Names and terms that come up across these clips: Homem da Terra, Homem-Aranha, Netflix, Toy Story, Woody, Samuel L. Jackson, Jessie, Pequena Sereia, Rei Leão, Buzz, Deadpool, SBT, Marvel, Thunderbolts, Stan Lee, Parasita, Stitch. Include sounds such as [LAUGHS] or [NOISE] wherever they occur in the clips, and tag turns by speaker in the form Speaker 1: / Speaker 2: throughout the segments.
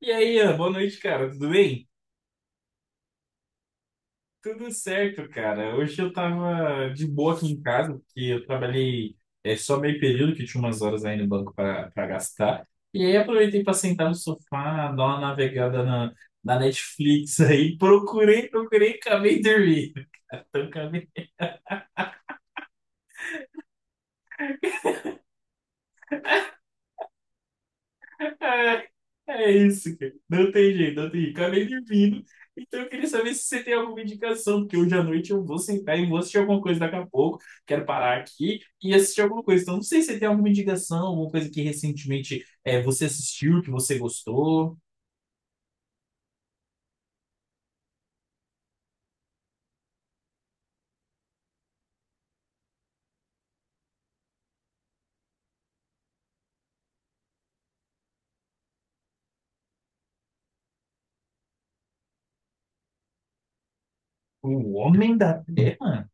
Speaker 1: E aí, Ian, boa noite, cara. Tudo bem? Tudo certo, cara. Hoje eu tava de boa aqui em casa, porque eu trabalhei só meio período, que tinha umas horas aí no banco para gastar. E aí aproveitei para sentar no sofá, dar uma navegada na Netflix aí. [LAUGHS] Procurei, procurei, acabei dormindo. [LAUGHS] Então, acabei. É isso, cara. Não tem jeito, não tem jeito. Acabei dormindo. Então eu queria saber se você tem alguma indicação, porque hoje à noite eu vou sentar e vou assistir alguma coisa daqui a pouco. Quero parar aqui e assistir alguma coisa. Então não sei se você tem alguma indicação, alguma coisa que recentemente você assistiu, que você gostou. O Homem da Terra?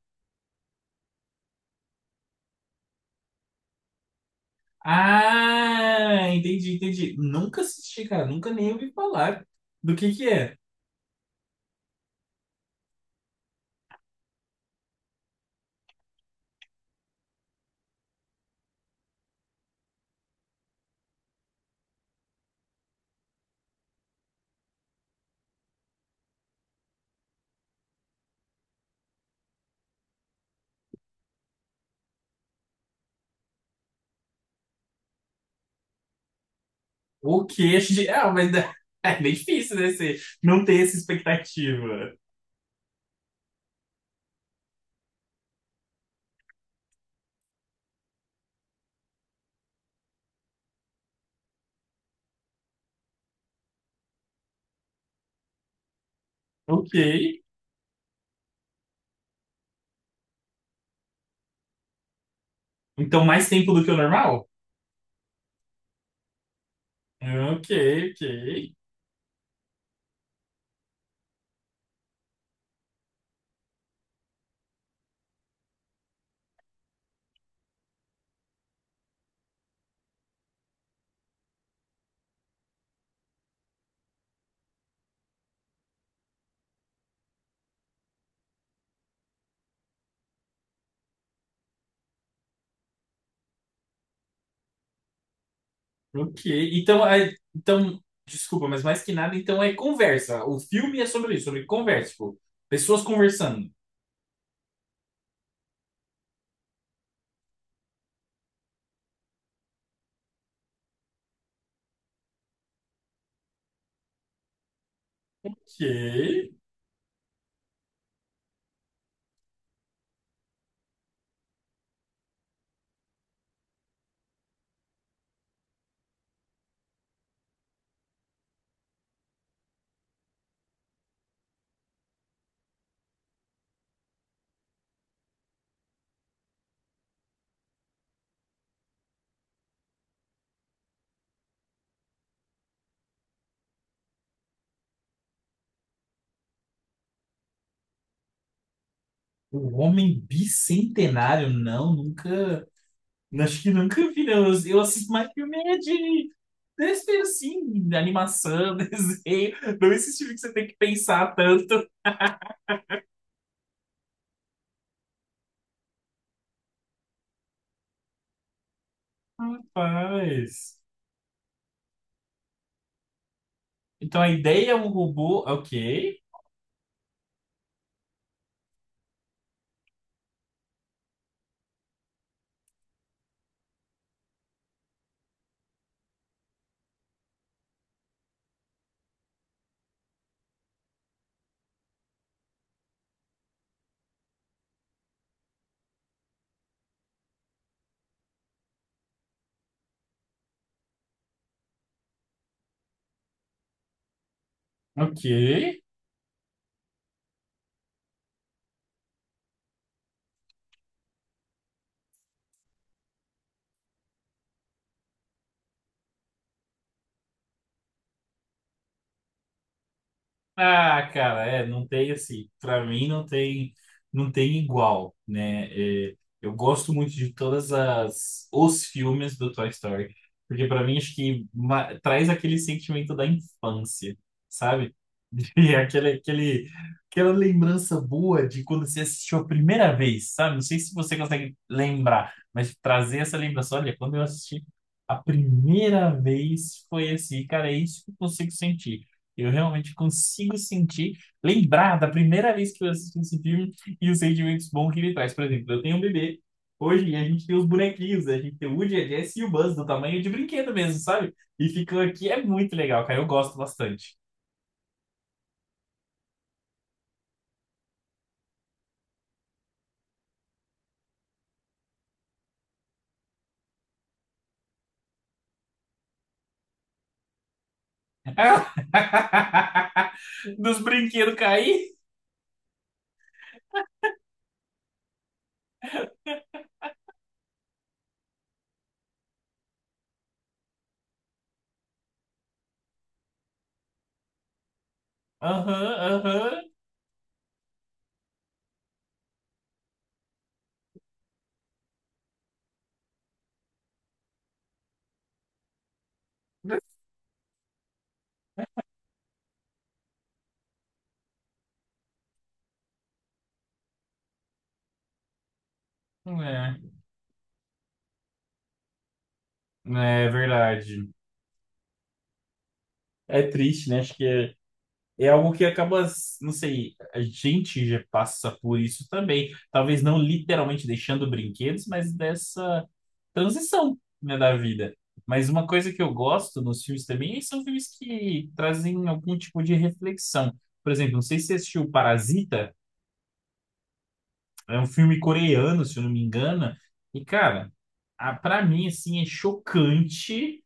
Speaker 1: Ah, entendi, entendi. Nunca assisti, cara. Nunca nem ouvi falar do que é. O queixo de... Ah, mas [LAUGHS] é bem difícil, né? Você não ter essa expectativa. Ok. Então, mais tempo do que o normal? Ok, ok, ok. Então, desculpa, mas mais que nada, então é conversa. O filme é sobre isso, sobre conversa, tipo, pessoas conversando. Ok. O Homem Bicentenário, não, nunca. Acho que nunca vi, não. Eu assisto mais filme é de desenho, assim, de animação, [LAUGHS] desenho. Não esse filme que você tem que pensar tanto. Rapaz. Então a ideia é um robô. Ok. Ok. Ah, cara, não tem assim, pra mim não tem, não tem igual, né? Eu gosto muito de todas as os filmes do Toy Story, porque pra mim acho que traz aquele sentimento da infância, sabe? E [LAUGHS] aquele, aquele, aquela lembrança boa de quando você assistiu a primeira vez, sabe? Não sei se você consegue lembrar, mas trazer essa lembrança, olha, quando eu assisti a primeira vez foi assim, cara, é isso que eu consigo sentir. Eu realmente consigo sentir, lembrar da primeira vez que eu assisti esse filme e os sentimentos bons que ele traz. Por exemplo, eu tenho um bebê. Hoje e a gente tem os bonequinhos, a gente tem o Woody, a Jessie e o Buzz do tamanho de brinquedo mesmo, sabe? E ficam aqui, é muito legal, cara. Eu gosto bastante. [LAUGHS] Dos brinquedos cair? Aham, aham. É, é verdade. É triste, né? Acho que é. É algo que acaba, não sei, a gente já passa por isso também. Talvez não literalmente deixando brinquedos, mas dessa transição, né, da vida. Mas uma coisa que eu gosto nos filmes também são filmes que trazem algum tipo de reflexão. Por exemplo, não sei se você assistiu Parasita, é um filme coreano, se eu não me engano. E, cara, pra mim, assim, é chocante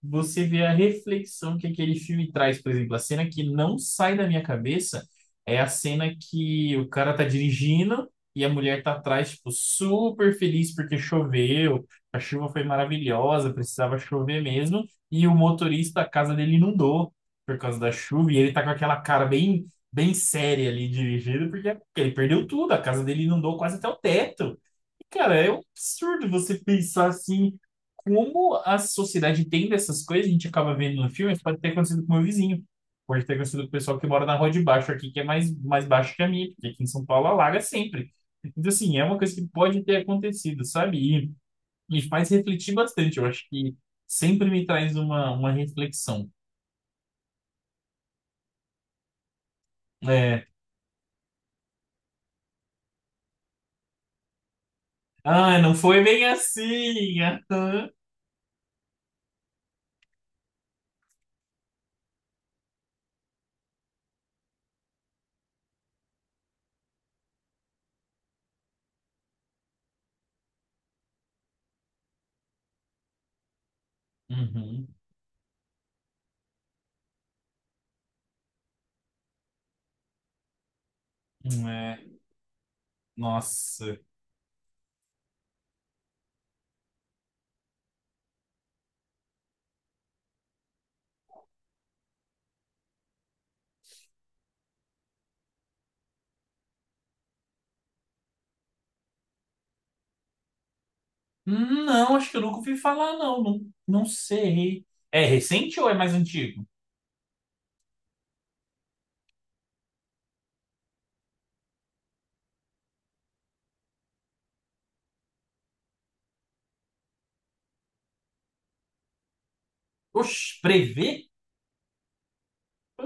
Speaker 1: você vê a reflexão que aquele filme traz. Por exemplo, a cena que não sai da minha cabeça é a cena que o cara tá dirigindo e a mulher tá atrás, tipo, super feliz porque choveu, a chuva foi maravilhosa, precisava chover mesmo, e o motorista, a casa dele inundou por causa da chuva, e ele tá com aquela cara bem séria ali dirigindo, porque ele perdeu tudo, a casa dele inundou quase até o teto. Cara, é um absurdo você pensar assim, como a sociedade entende essas coisas, a gente acaba vendo no filme, isso pode ter acontecido com o meu vizinho, pode ter acontecido com o pessoal que mora na rua de baixo aqui, que é mais, mais baixo que a minha, porque aqui em São Paulo alaga sempre. Então, assim, é uma coisa que pode ter acontecido, sabe? E me faz refletir bastante, eu acho que sempre me traz uma reflexão. É, ah, não foi bem assim! Aham. Uhum. É, nossa. Não, acho que eu nunca ouvi falar, não. Não, não sei. É recente ou é mais antigo? Oxe, prevê?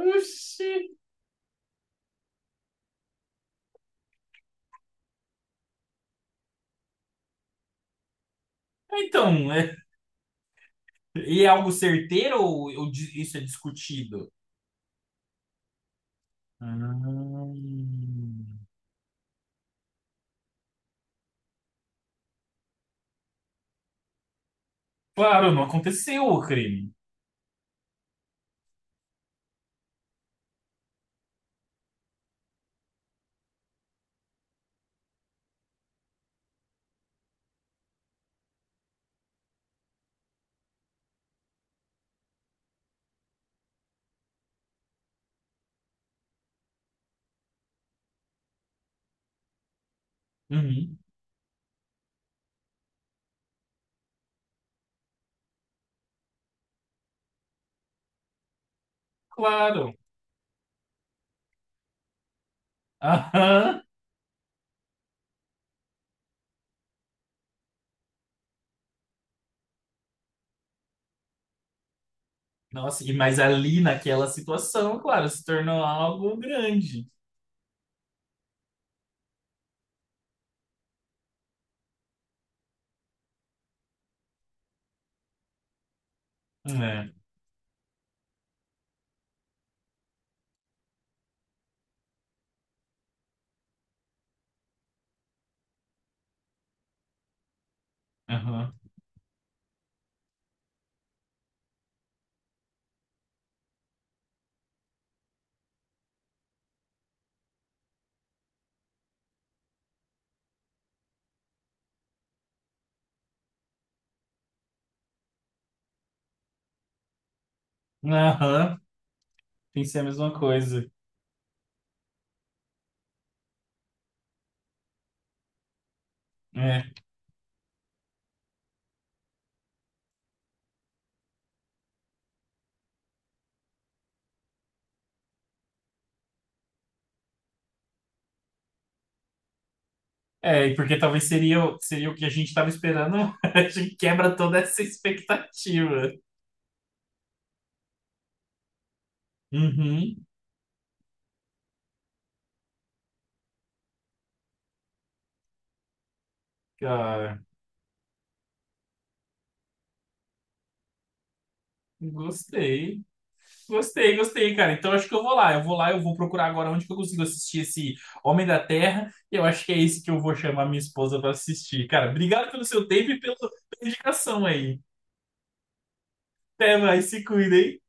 Speaker 1: Oxi. Então, é, e é algo certeiro ou, isso é discutido? Hum. Claro, não aconteceu o crime. Uhum, claro. Aham. Nossa, e mas ali naquela situação, claro, se tornou algo grande. É. Aham. Aham. Pensei a mesma coisa. É. É, e porque talvez seria, seria o que a gente estava esperando, [LAUGHS] a gente quebra toda essa expectativa. Uhum, cara. Gostei. Gostei, gostei, cara. Então acho que eu vou lá. Eu vou lá, eu vou procurar agora onde que eu consigo assistir esse Homem da Terra. E eu acho que é esse que eu vou chamar minha esposa para assistir. Cara, obrigado pelo seu tempo e pela indicação aí. Até mais, se cuida, hein?